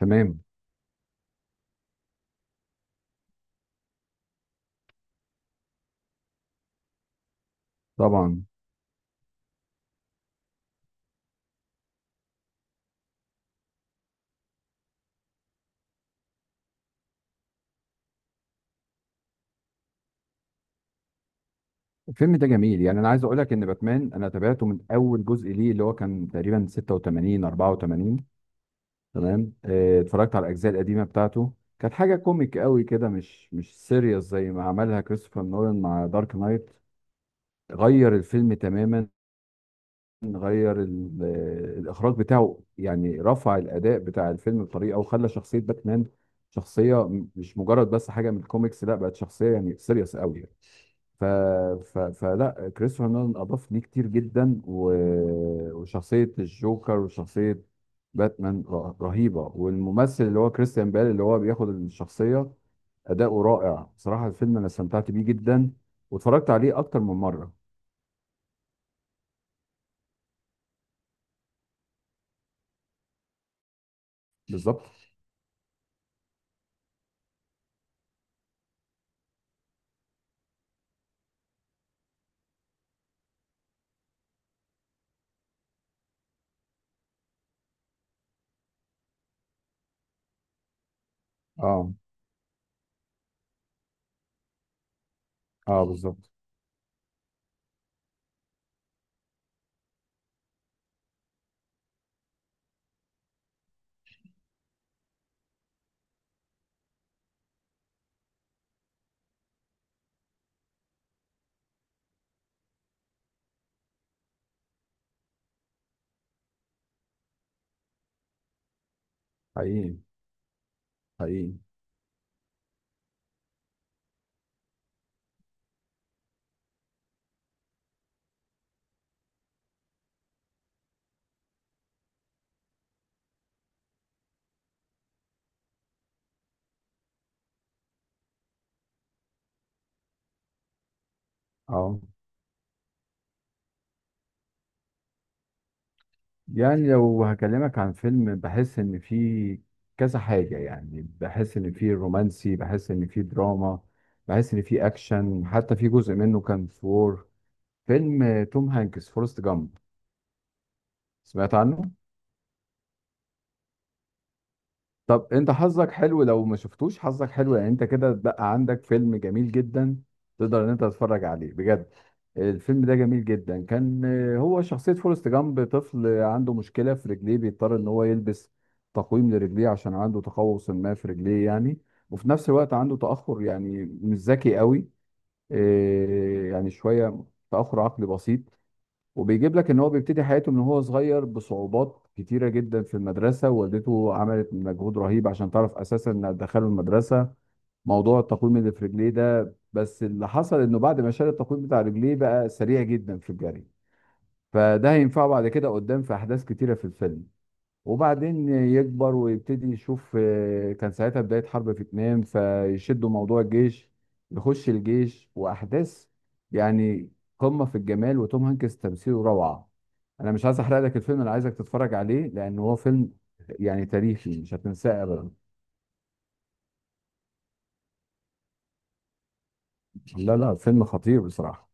تمام. طبعا. الفيلم ده جميل، يعني انا عايز اقول لك ان باتمان انا تابعته من اول جزء ليه، اللي هو كان تقريبا 86 84. تمام، اتفرجت على الاجزاء القديمه بتاعته. كانت حاجه كوميك قوي كده، مش سيريس زي ما عملها كريستوفر نولان مع دارك نايت. غير الفيلم تماما. غير ال- آه، الاخراج بتاعه يعني رفع الاداء بتاع الفيلم بطريقه، وخلى شخصيه باتمان شخصيه مش مجرد بس حاجه من الكوميكس، لا بقت شخصيه يعني سيريس قوي. ف... فلا كريستوفر نولان اضاف ليه كتير جدا وشخصيه الجوكر وشخصيه باتمان رهيبه، والممثل اللي هو كريستيان بيل اللي هو بياخد الشخصيه اداؤه رائع بصراحه. الفيلم انا استمتعت بيه جدا، واتفرجت عليه اكتر من مره. بالظبط. اه اه بالظبط. حقيقي حقيقي. اه. يعني لو هكلمك عن فيلم بحس ان فيه كذا حاجة، يعني بحس ان فيه رومانسي، بحس ان فيه دراما، بحس ان فيه اكشن، حتى في جزء منه كان في وور. فيلم توم هانكس فورست جامب. سمعت عنه؟ طب انت حظك حلو، لو ما شفتوش حظك حلو، يعني انت كده بقى عندك فيلم جميل جدا، تقدر ان انت تتفرج عليه بجد. الفيلم ده جميل جدا كان. هو شخصية فورست جامب طفل عنده مشكلة في رجليه، بيضطر ان هو يلبس تقويم لرجليه عشان عنده تقوس ما في رجليه يعني. وفي نفس الوقت عنده تأخر، يعني مش ذكي قوي. يعني شوية تأخر عقلي بسيط. وبيجيب لك ان هو بيبتدي حياته من هو صغير بصعوبات كتيره جدا في المدرسه، والدته عملت مجهود رهيب عشان تعرف اساسا انها تدخله المدرسه. موضوع التقويم اللي في رجليه ده، بس اللي حصل انه بعد ما شال التقويم بتاع رجليه بقى سريع جدا في الجري. فده هينفعه بعد كده قدام في احداث كتيره في الفيلم. وبعدين يكبر ويبتدي يشوف، كان ساعتها بداية حرب فيتنام فيشدوا موضوع الجيش، يخش الجيش وأحداث يعني قمة في الجمال. وتوم هانكس تمثيله روعة. أنا مش عايز أحرق لك الفيلم، أنا عايزك تتفرج عليه لأن هو فيلم يعني تاريخي مش هتنساه أبدا. لا لا فيلم خطير بصراحة.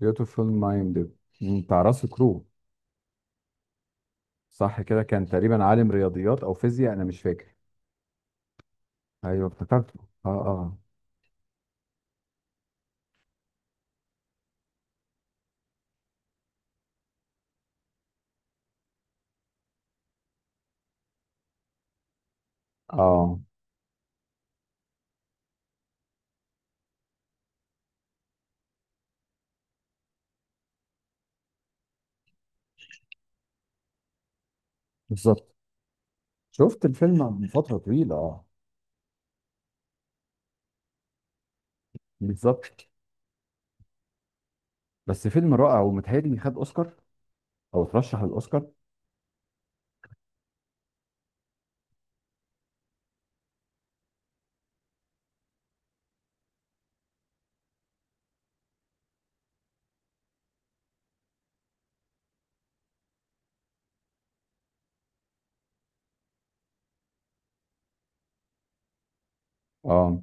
بيوتيفول مايند بتاع راس كرو. صح كده، كان تقريبا عالم رياضيات أو فيزياء أنا مش فاكر. أيوه افتكرته. أه أه أه بالظبط. شفت الفيلم من فترة طويلة اه. بالظبط. بس فيلم رائع ومتهيألي خد أوسكار أو ترشح للأوسكار. اه.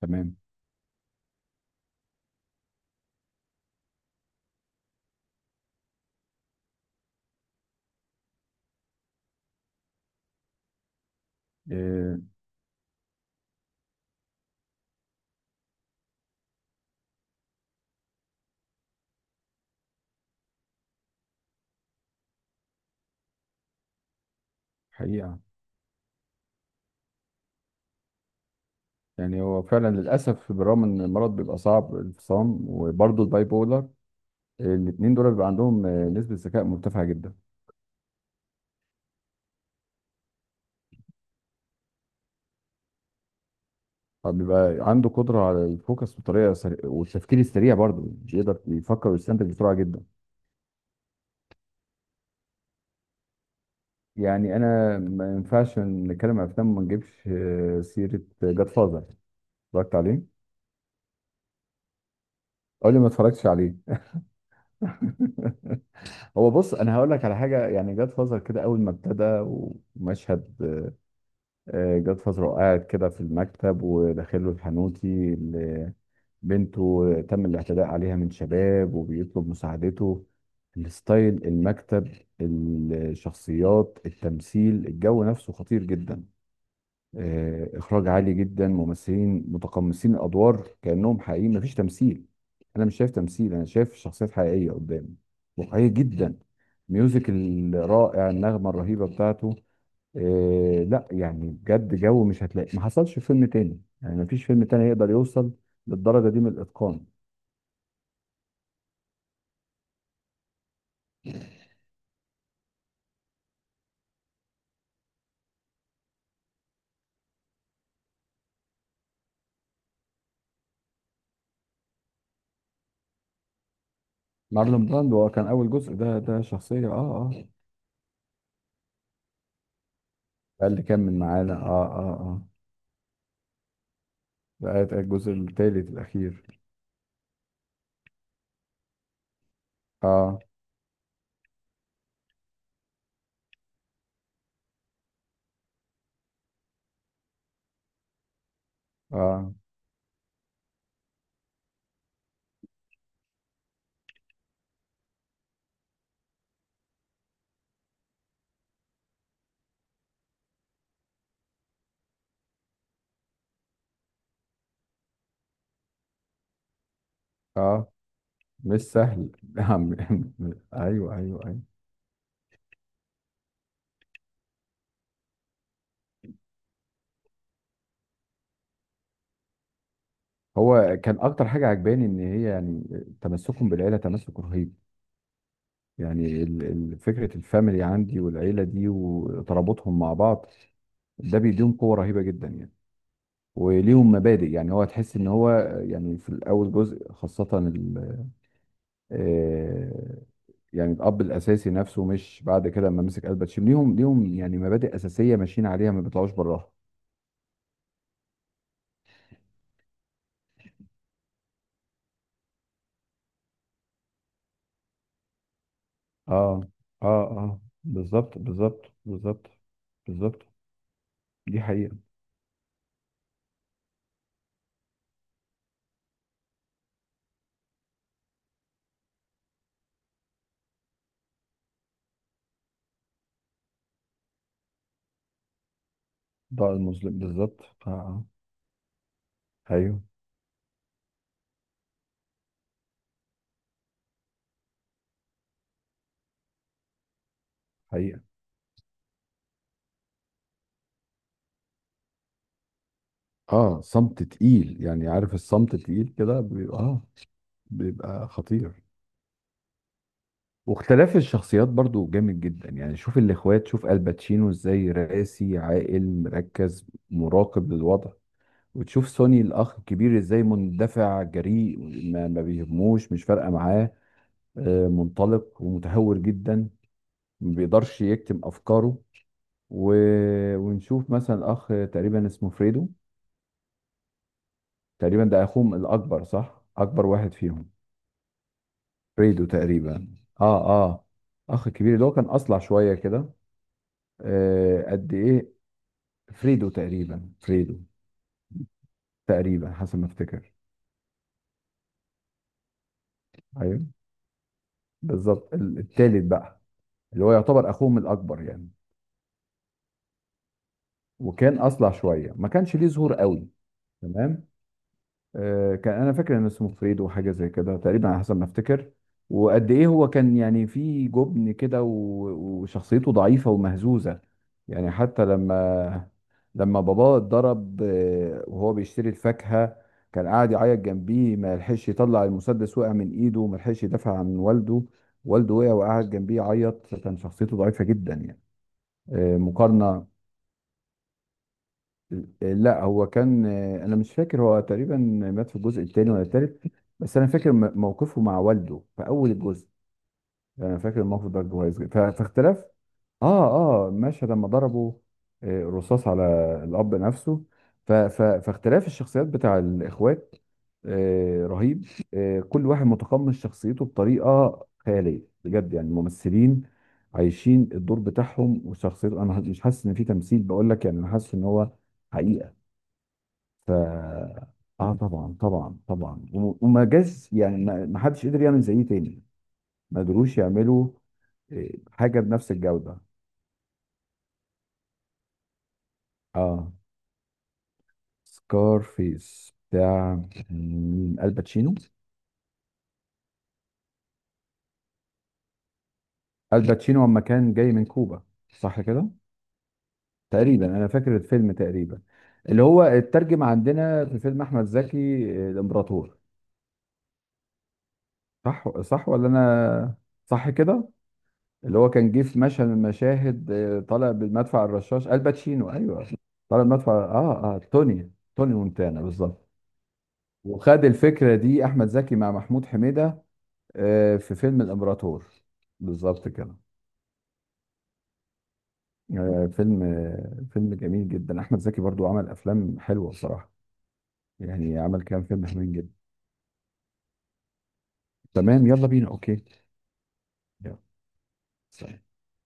تمام. إيه. حقيقة. يعني هو فعلا للأسف بالرغم إن المرض بيبقى صعب، الفصام وبرضه الباي بولر الاتنين دول بيبقى عندهم نسبة ذكاء مرتفعة جدا. فبيبقى عنده قدرة على الفوكس بطريقة سريعة، والتفكير السريع برضه بيقدر يفكر ويستنتج بسرعة جدا. يعني أنا ما ينفعش نتكلم عن أفلام وما نجيبش سيرة جاد فازر. اتفرجت عليه؟ قول لي ما اتفرجتش عليه. هو بص انا هقول لك على حاجه، يعني جاد فازر كده اول ما ابتدى ومشهد، جاد فازر وقاعد كده في المكتب وداخل له الحانوتي اللي بنته تم الاعتداء عليها من شباب وبيطلب مساعدته. الستايل، المكتب، الشخصيات، التمثيل، الجو نفسه خطير جدا. اخراج عالي جدا، ممثلين متقمصين الادوار كانهم حقيقيين، مفيش تمثيل. انا مش شايف تمثيل، انا شايف شخصيات حقيقيه قدامي. واقعيه جدا. ميوزك الرائع، النغمه الرهيبه بتاعته. لا يعني بجد جو مش هتلاقي ما حصلش في فيلم تاني، يعني مفيش فيلم تاني يقدر يوصل للدرجه دي من الاتقان. مارلون براندو هو كان اول جزء، ده شخصيه اه اه. ده اللي كمل معانا اه اه اه. ده الجزء الثالث الاخير. اه اه اه مش سهل. نعم. ايوه ايوه ايوه. هو كان اكتر حاجه عجباني ان هي يعني تمسكهم بالعيله تمسك رهيب. يعني فكره الفاميلي عندي، والعيله دي وترابطهم مع بعض، ده بيديهم قوه رهيبه جدا يعني. وليهم مبادئ، يعني هو تحس ان هو يعني في الاول جزء خاصه آه، يعني الاب الاساسي نفسه، مش بعد كده لما مسك قلبة شيم ليهم، ليهم يعني مبادئ اساسيه ماشيين عليها ما بيطلعوش براها. اه اه اه بالظبط بالظبط بالظبط بالظبط. دي حقيقة. ضاع المظلم بالظبط اه اه ايوه. حقيقة. اه صمت تقيل يعني، عارف الصمت تقيل كده بيبقى خطير. واختلاف الشخصيات برضو جامد جدا يعني. شوف الاخوات، شوف الباتشينو ازاي راسي عاقل مركز مراقب للوضع. وتشوف سوني الاخ الكبير ازاي مندفع جريء، ما بيهموش، مش فارقه معاه، منطلق ومتهور جدا، ما بيقدرش يكتم افكاره. و... ونشوف مثلا اخ تقريبا اسمه فريدو. تقريبا ده اخوهم الاكبر، صح، اكبر واحد فيهم. فريدو تقريبا. اه اه. اخ كبير اللي هو كان اصلع شويه كده. آه قد ايه. فريدو تقريبا، فريدو تقريبا حسب ما افتكر. ايوه. بالظبط التالت بقى، اللي هو يعتبر اخوهم الاكبر يعني. وكان اصلع شويه، ما كانش ليه ظهور قوي. تمام. كان انا فاكر ان اسمه فريدو وحاجه زي كده تقريبا، على حسب ما افتكر. وقد ايه هو كان يعني في جبن كده وشخصيته ضعيفه ومهزوزه يعني. حتى لما باباه اتضرب، وهو بيشتري الفاكهه، كان قاعد يعيط جنبيه، ما لحقش يطلع المسدس، وقع من ايده، ما لحقش يدافع عن والده. والده وقع وقعد جنبيه يعيط، كان شخصيته ضعيفه جدا يعني. مقارنه لا هو كان، انا مش فاكر هو تقريبا مات في الجزء الثاني ولا الثالث، بس انا فاكر موقفه مع والده في اول الجزء. انا فاكر الموقف ده كويس جدا. فاختلاف اه اه مشهد لما ضربوا رصاص على الاب نفسه. فاختلاف الشخصيات بتاع الاخوات رهيب. كل واحد متقمص شخصيته بطريقه خياليه بجد. يعني الممثلين عايشين الدور بتاعهم وشخصيته، انا مش حاسس ان في تمثيل، بقول لك يعني انا حاسس ان هو حقيقه. ف اه طبعا طبعا طبعا، وما جاش يعني، ما حدش قدر يعمل زيه تاني. ما قدروش يعملوا. إيه، حاجه بنفس الجوده. اه. سكار فيس بتاع مين؟ الباتشينو. الباتشينو لما كان جاي من كوبا صح كده. تقريبا انا فاكر الفيلم، تقريبا اللي هو اترجم عندنا في فيلم احمد زكي الامبراطور. صح صح ولا انا؟ صح كده. اللي هو كان جه في مشهد من المشاهد طالع بالمدفع الرشاش الباتشينو ايوه. طالع بالمدفع اه اه توني توني مونتانا بالظبط. وخد الفكره دي احمد زكي مع محمود حميده في فيلم الامبراطور. بالظبط كده. فيلم جميل جدا. احمد زكي برضو عمل افلام حلوه بصراحه. يعني عمل كام فيلم حلوين جدا. تمام يلا بينا اوكي. يلا. سلام.